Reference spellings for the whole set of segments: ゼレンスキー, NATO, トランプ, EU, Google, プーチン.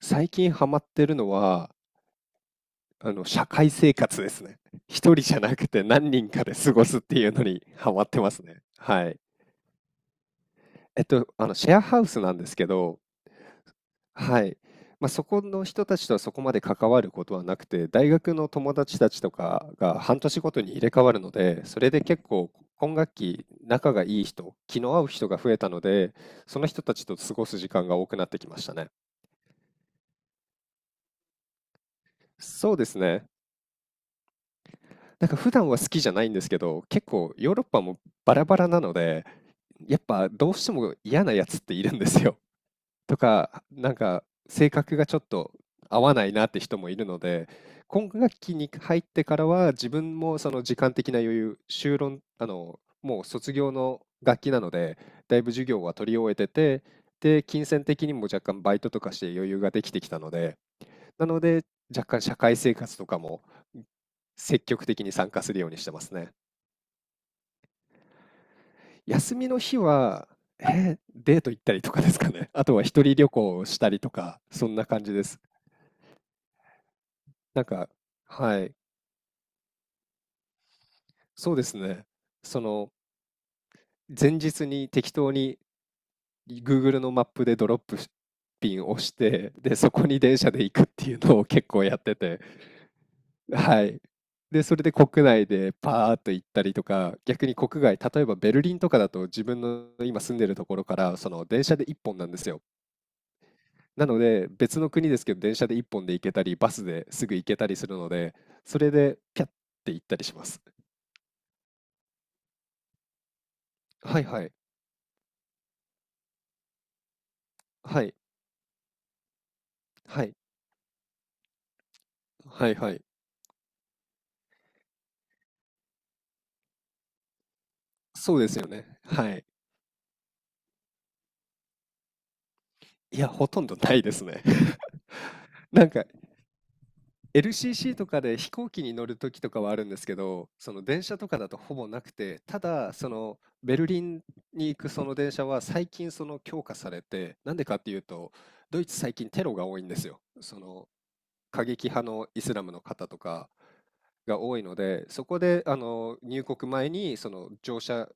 最近ハマってるのは、社会生活ですね。一人じゃなくて何人かで過ごすっていうのにハマってますね。はい。シェアハウスなんですけど、はい。まあ、そこの人たちとはそこまで関わることはなくて、大学の友達たちとかが半年ごとに入れ替わるので、それで結構今学期仲がいい人、気の合う人が増えたので、その人たちと過ごす時間が多くなってきましたね。そうですね。なんか普段は好きじゃないんですけど、結構ヨーロッパもバラバラなので、やっぱどうしても嫌なやつっているんですよ。とか、なんか性格がちょっと合わないなって人もいるので、今学期に入ってからは自分もその時間的な余裕、修論、もう卒業の学期なので、だいぶ授業は取り終えてて、で、金銭的にも若干バイトとかして余裕ができてきたので、なので若干社会生活とかも積極的に参加するようにしてますね。休みの日は、えデート行ったりとかですかね。あとは一人旅行をしたりとか、そんな感じです。なんか、はい、そうですね。その、前日に適当に Google のマップでドロップピンを押して、で、そこに電車で行くっていうのを結構やってて、はい。で、それで国内でパーっと行ったりとか、逆に国外、例えばベルリンとかだと自分の今住んでるところから、その電車で一本なんですよ。なので、別の国ですけど、電車で1本で行けたり、バスですぐ行けたりするので、それでピャッて行ったりします。はいはい。はい。はい。はいはい。そうですよね。はい。いや、ほとんどないですね。なんか、LCC とかで飛行機に乗る時とかはあるんですけど、その電車とかだとほぼなくて、ただ、そのベルリンに行くその電車は最近その強化されて、なんでかっていうと、ドイツ最近テロが多いんですよ。その過激派のイスラムの方とかが多いので、そこで入国前にその乗車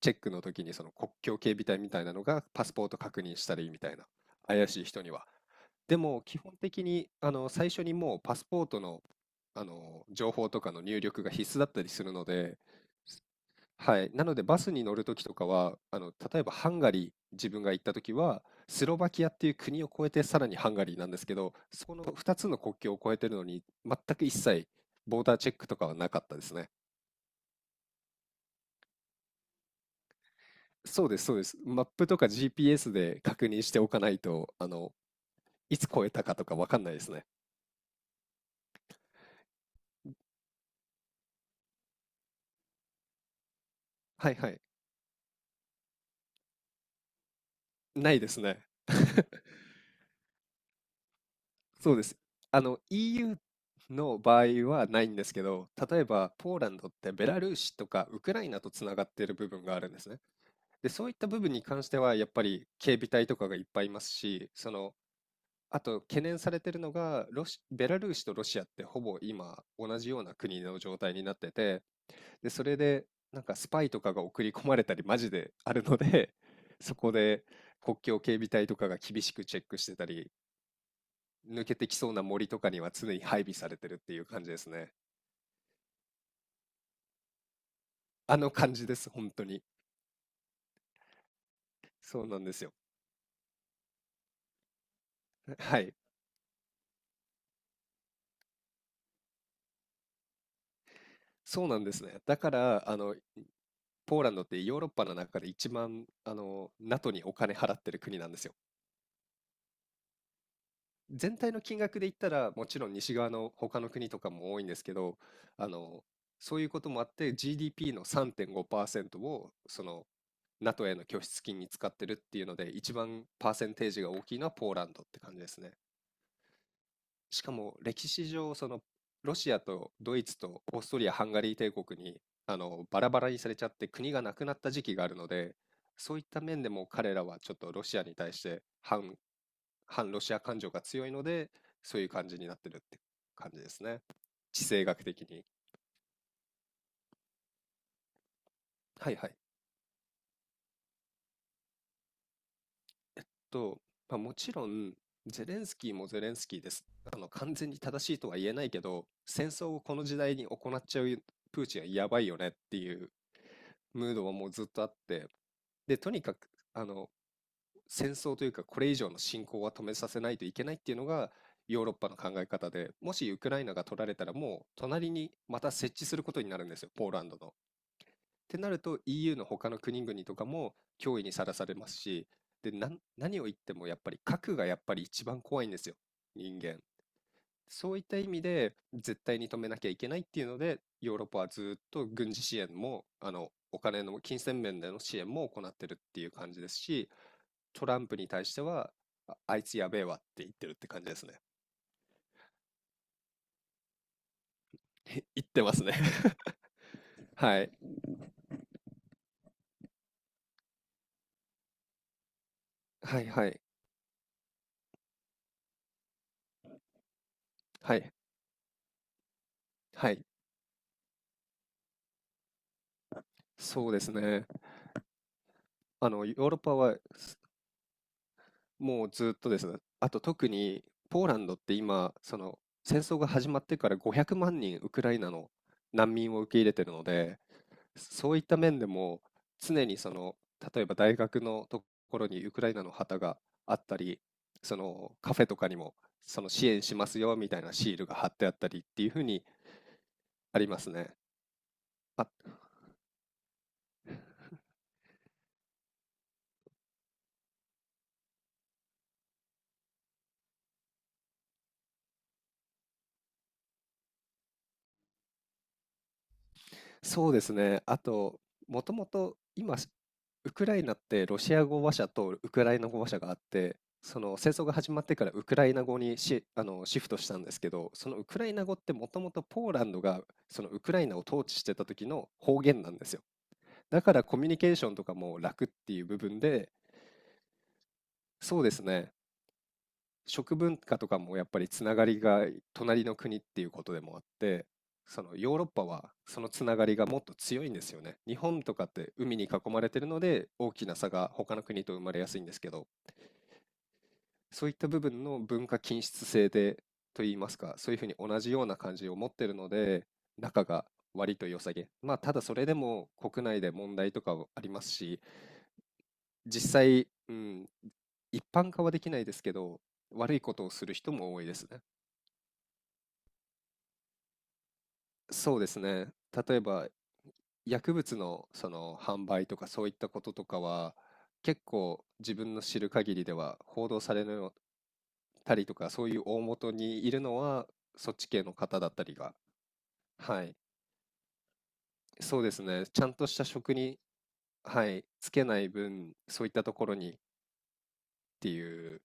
チェックの時にその国境警備隊みたいなのがパスポート確認したりみたいな、怪しい人には。でも基本的に最初にもうパスポートの、情報とかの入力が必須だったりするので、はい。なのでバスに乗るときとかは、例えばハンガリー、自分が行ったときは、スロバキアっていう国を越えてさらにハンガリーなんですけど、そこの2つの国境を越えてるのに、全く一切ボーダーチェックとかはなかったですね。そうです、そうです。マップとか GPS で確認しておかないと、いつ越えたかとかわかんないですね。はいはい。ないですね。そうです。EU の場合はないんですけど、例えばポーランドってベラルーシとかウクライナとつながっている部分があるんですね。で、そういった部分に関しては、やっぱり警備隊とかがいっぱいいますし、あと懸念されてるのが、ベラルーシとロシアってほぼ今同じような国の状態になってて、で、それでなんかスパイとかが送り込まれたりマジであるので、そこで国境警備隊とかが厳しくチェックしてたり、抜けてきそうな森とかには常に配備されてるっていう感じですね。あの感じです、本当に。そうなんですよ。はい。そうなんですね。だから、ポーランドってヨーロッパの中で一番NATO にお金払ってる国なんですよ。全体の金額で言ったらもちろん西側の他の国とかも多いんですけど、あのそういうこともあって GDP の3.5%をその NATO への拠出金に使ってるっていうので一番パーセンテージが大きいのはポーランドって感じですね。しかも歴史上、そのロシアとドイツとオーストリア・ハンガリー帝国にバラバラにされちゃって国がなくなった時期があるので、そういった面でも彼らはちょっとロシアに対して反、反ロシア感情が強いので、そういう感じになってるって感じですね。地政学的に。はいはい。と、まあ、もちろん、ゼレンスキーもゼレンスキーです。完全に正しいとは言えないけど、戦争をこの時代に行っちゃうプーチンはやばいよねっていうムードはもうずっとあって、でとにかく戦争というかこれ以上の侵攻は止めさせないといけないっていうのがヨーロッパの考え方で、もしウクライナが取られたらもう隣にまた設置することになるんですよ、ポーランドの。ってなると EU の他の国々とかも脅威にさらされますし、で、何を言ってもやっぱり核がやっぱり一番怖いんですよ人間。そういった意味で絶対に止めなきゃいけないっていうので、ヨーロッパはずっと軍事支援も、お金の金銭面での支援も行ってるっていう感じですし、トランプに対しては、あいつやべえわって言ってるって感じですね。言ってますね はい。はいはい。はい。はい。そうですね。ヨーロッパはもうずっとですね。あと特にポーランドって今、その戦争が始まってから500万人ウクライナの難民を受け入れてるので、そういった面でも常にその例えば大学のところにウクライナの旗があったり、そのカフェとかにもその支援しますよみたいなシールが貼ってあったりっていうふうにありますね。あ、そうですね。あと、もともと今、ウクライナってロシア語話者とウクライナ語話者があって、その戦争が始まってからウクライナ語にシ、あの、シフトしたんですけど、そのウクライナ語ってもともとポーランドがそのウクライナを統治してた時の方言なんですよ。だからコミュニケーションとかも楽っていう部分で、そうですね。食文化とかもやっぱりつながりが隣の国っていうことでもあって、そのヨーロッパはそのつながりがもっと強いんですよね。日本とかって海に囲まれてるので大きな差が他の国と生まれやすいんですけど、そういった部分の文化均質性でといいますか、そういうふうに同じような感じを持ってるので、仲が割と良さげ。まあただそれでも国内で問題とかはありますし、実際、うん、一般化はできないですけど、悪いことをする人も多いですね。そうですね。例えば、薬物のその販売とかそういったこととかは、結構自分の知る限りでは報道されるたりとか、そういう大元にいるのは、そっち系の方だったりが、はい、そうですね。ちゃんとした職に、はい、つけない分、そういったところにっていう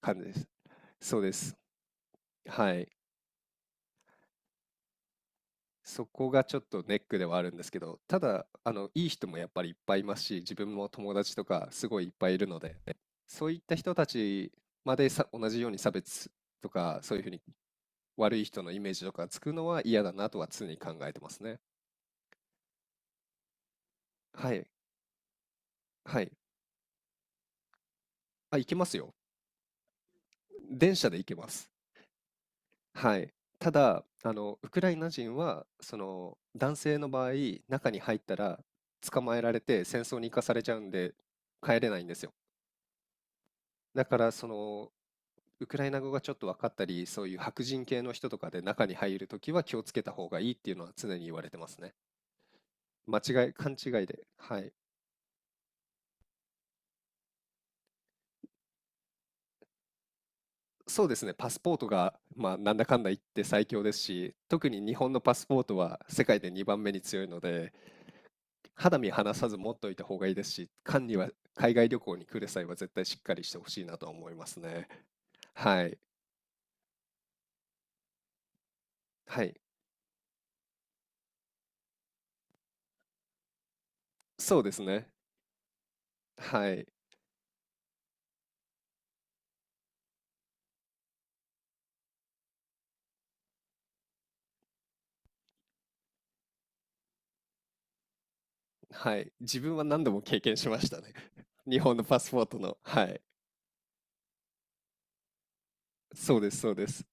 感じです。そうです。はい。そこがちょっとネックではあるんですけど、ただ、いい人もやっぱりいっぱいいますし、自分も友達とかすごいいっぱいいるので、そういった人たちまでさ、同じように差別とか、そういうふうに悪い人のイメージとかつくのは嫌だなとは常に考えてますね。はい、はい。あ、行けますよ。電車で行けます。はい。ただ、ウクライナ人は、その、男性の場合、中に入ったら捕まえられて戦争に行かされちゃうんで、帰れないんですよ。だからそのウクライナ語がちょっと分かったり、そういう白人系の人とかで中に入るときは気をつけた方がいいっていうのは常に言われてますね。間違い、勘違いで。はい。そうですね、パスポートが、まあ、なんだかんだ言って最強ですし、特に日本のパスポートは世界で2番目に強いので、肌身離さず持っといた方がいいですし、管には海外旅行に来る際は絶対しっかりしてほしいなと思いますね。はい。はい。そうですね。はい。はい。自分は何度も経験しましたね。日本のパスポートの。はい。そうですそうです。